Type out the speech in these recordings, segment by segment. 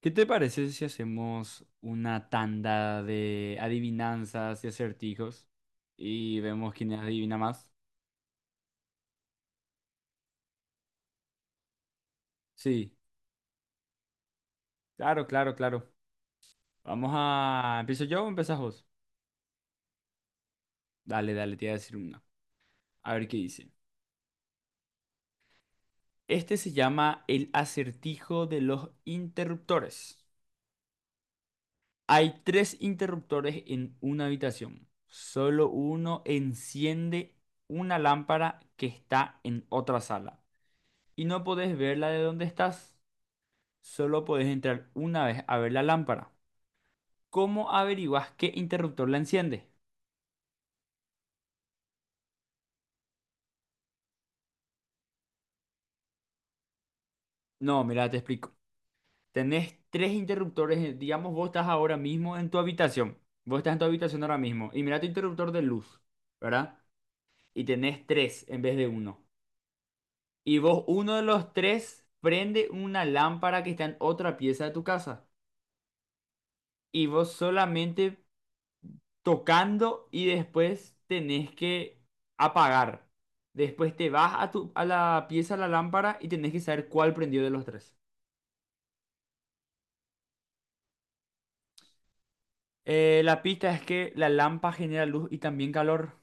¿Qué te parece si hacemos una tanda de adivinanzas y acertijos y vemos quién adivina más? Sí, claro, claro, claro. ¿Empiezo yo o empezás vos? Dale, dale, te voy a decir una. A ver qué dice. Este se llama el acertijo de los interruptores. Hay tres interruptores en una habitación. Solo uno enciende una lámpara que está en otra sala y no podés verla de donde estás. Solo podés entrar una vez a ver la lámpara. ¿Cómo averiguás qué interruptor la enciende? No, mira, te explico. Tenés tres interruptores. Digamos, vos estás ahora mismo en tu habitación. Vos estás en tu habitación ahora mismo. Y mira tu interruptor de luz, ¿verdad? Y tenés tres en vez de uno. Y vos, uno de los tres, prende una lámpara que está en otra pieza de tu casa. Y vos solamente tocando y después tenés que apagar. Después te vas a la pieza, a la lámpara y tenés que saber cuál prendió de los tres. La pista es que la lámpara genera luz y también calor.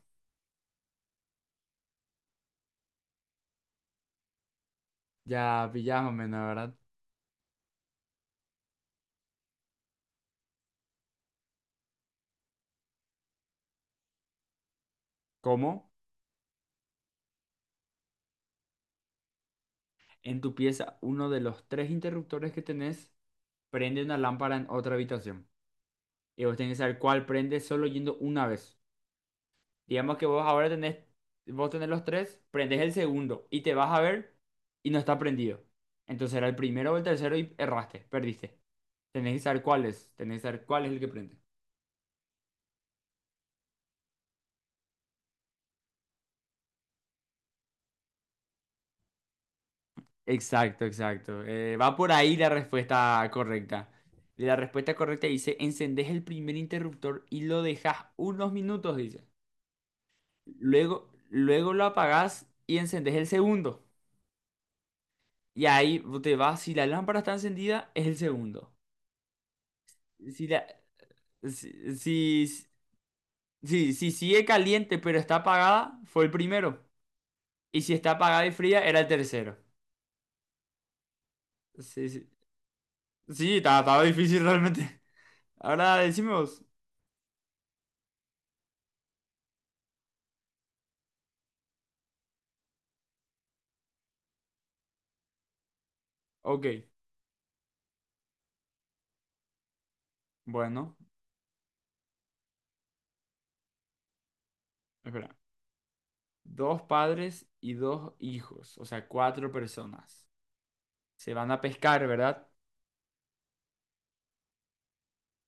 Ya pillás más o menos, ¿verdad? ¿Cómo? En tu pieza, uno de los tres interruptores que tenés prende una lámpara en otra habitación. Y vos tenés que saber cuál prende solo yendo una vez. Digamos que vos tenés los tres, prendés el segundo y te vas a ver y no está prendido. Entonces era el primero o el tercero y erraste, perdiste. Tenés que saber cuál es, tenés que saber cuál es el que prende. Exacto, exacto. Va por ahí la respuesta correcta. Y la respuesta correcta dice, encendés el primer interruptor y lo dejas unos minutos, dice. Luego, luego lo apagás y encendés el segundo. Y ahí te vas, si la lámpara está encendida, es el segundo. Si la, Si, si, si, si sigue caliente pero está apagada, fue el primero. Y si está apagada y fría, era el tercero. Sí, sí. Sí, estaba difícil realmente. Ahora decimos, ok, bueno, espera. Dos padres y dos hijos, o sea, cuatro personas. Se van a pescar, ¿verdad?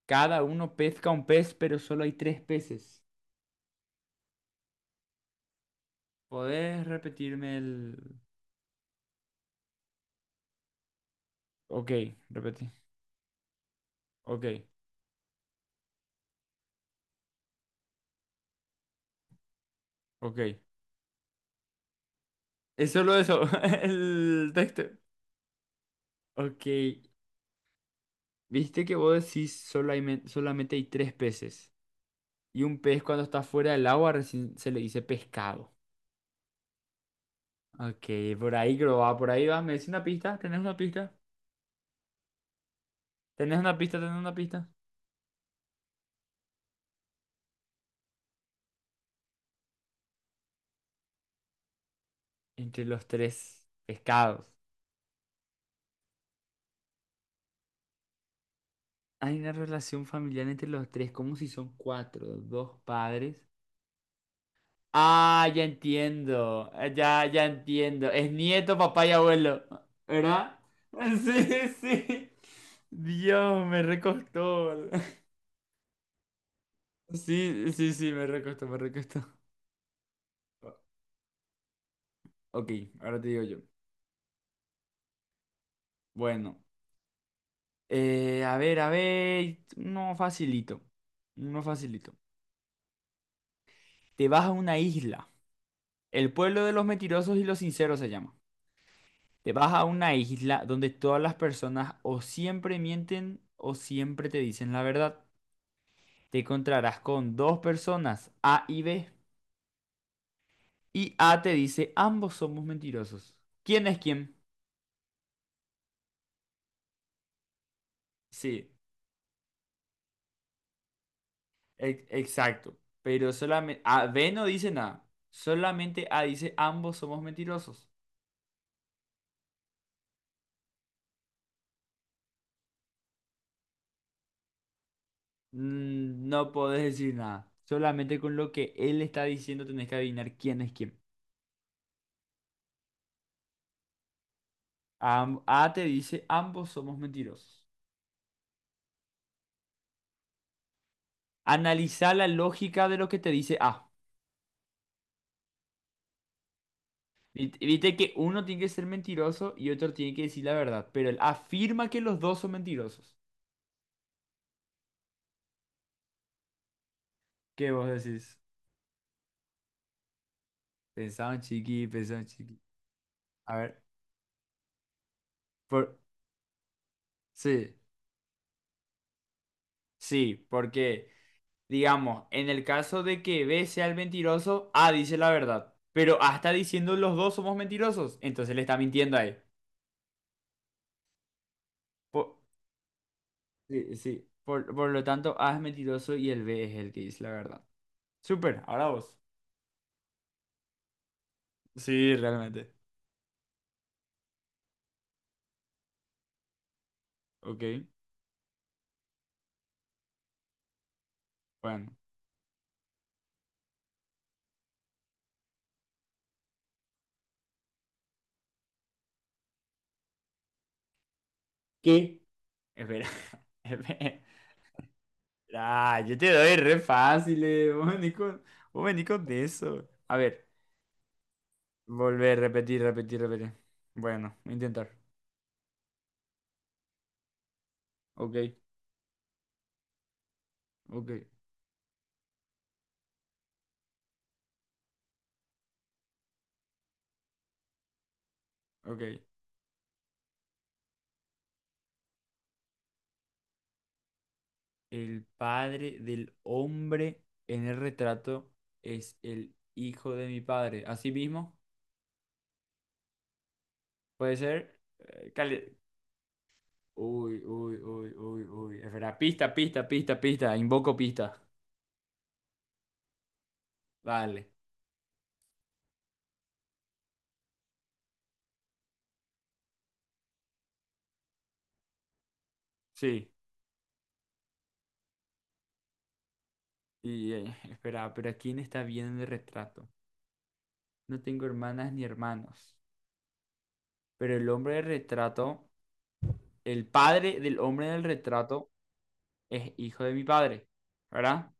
Cada uno pesca un pez, pero solo hay tres peces. ¿Podés repetirme el? Ok, repetí. Ok, ok. Es solo eso, el texto. Ok, viste que vos decís solamente hay tres peces. Y un pez cuando está fuera del agua recién se le dice pescado. Ok, por ahí creo va, por ahí va. ¿Me decís una pista? ¿Tenés una pista? ¿Tenés una pista? ¿Tenés una pista? Entre los tres pescados. Hay una relación familiar entre los tres, como si son cuatro, dos padres. Ah, ya entiendo. Ya, ya entiendo. Es nieto, papá y abuelo. ¿Verdad? Sí, sí. Dios, me recostó. Sí, sí, sí, me recostó, me recostó. Ok, ahora te digo yo. Bueno, a ver, a ver. No facilito. No facilito. Te vas a una isla. El pueblo de los mentirosos y los sinceros se llama. Te vas a una isla donde todas las personas o siempre mienten o siempre te dicen la verdad. Te encontrarás con dos personas, A y B, y A te dice, ambos somos mentirosos. ¿Quién es quién? Sí, exacto. Pero solamente A, B no dice nada. Solamente A dice, ambos somos mentirosos. No podés decir nada. Solamente con lo que él está diciendo tenés que adivinar quién es quién. A, te dice, ambos somos mentirosos. Analiza la lógica de lo que te dice A. Viste que uno tiene que ser mentiroso y otro tiene que decir la verdad, pero él afirma que los dos son mentirosos. ¿Qué vos decís? Pensaban chiqui, pensaban chiqui. A ver, por... sí, sí, porque, digamos, en el caso de que B sea el mentiroso, A dice la verdad, pero A está diciendo los dos somos mentirosos, entonces le está mintiendo ahí. Por... Sí, sí, por lo tanto, A es mentiroso y el B es el que dice la verdad. Súper, ahora vos. Sí, realmente. Ok, bueno. ¿Qué? Espera, espera. Ah, yo te doy re fácil, Vos venís con de eso. A ver, volver, repetir, repetir, repetir. Bueno, voy a intentar. Ok, ok, ok. El padre del hombre en el retrato es el hijo de mi padre. Así mismo, puede ser. Uy, uy, uy, uy, uy. Espera, pista, pista, pista, pista. Invoco pista. Vale. Sí. Y espera, pero ¿a quién está viendo en el retrato? No tengo hermanas ni hermanos. Pero el hombre del retrato, el padre del hombre del retrato es hijo de mi padre, ¿verdad?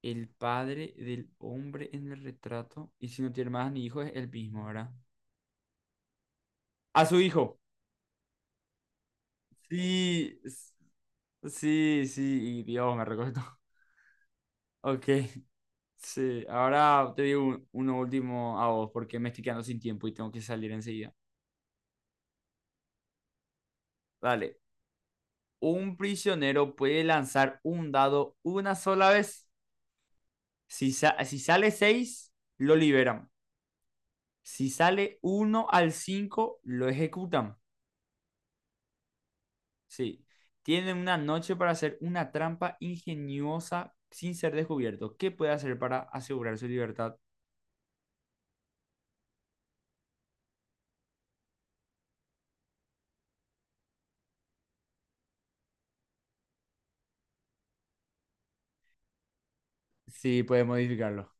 El padre del hombre en el retrato, y si no tiene hermanas ni hijos, es el mismo, ¿verdad? A su hijo. Sí, sí, sí, y Dios, me recuerdo. Ok, sí. Ahora te digo uno último a vos, porque me estoy quedando sin tiempo y tengo que salir enseguida. Dale. Un prisionero puede lanzar un dado una sola vez. Si sale 6 lo liberan. Si sale uno al 5 lo ejecutan. Sí. Tienen una noche para hacer una trampa ingeniosa sin ser descubierto. ¿Qué puede hacer para asegurar su libertad? Sí, puede modificarlo.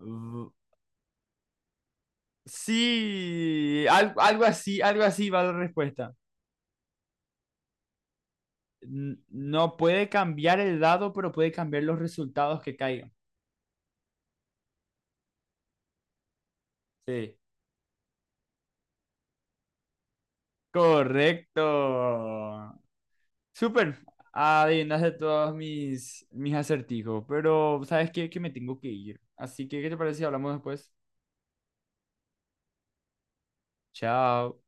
Mm, sí, algo así va la respuesta. No puede cambiar el dado, pero puede cambiar los resultados que caigan. Sí. Correcto. Súper. Adivinaste todos mis acertijos, pero ¿sabes qué? Que me tengo que ir. Así que, ¿qué te parece si hablamos después? Chao.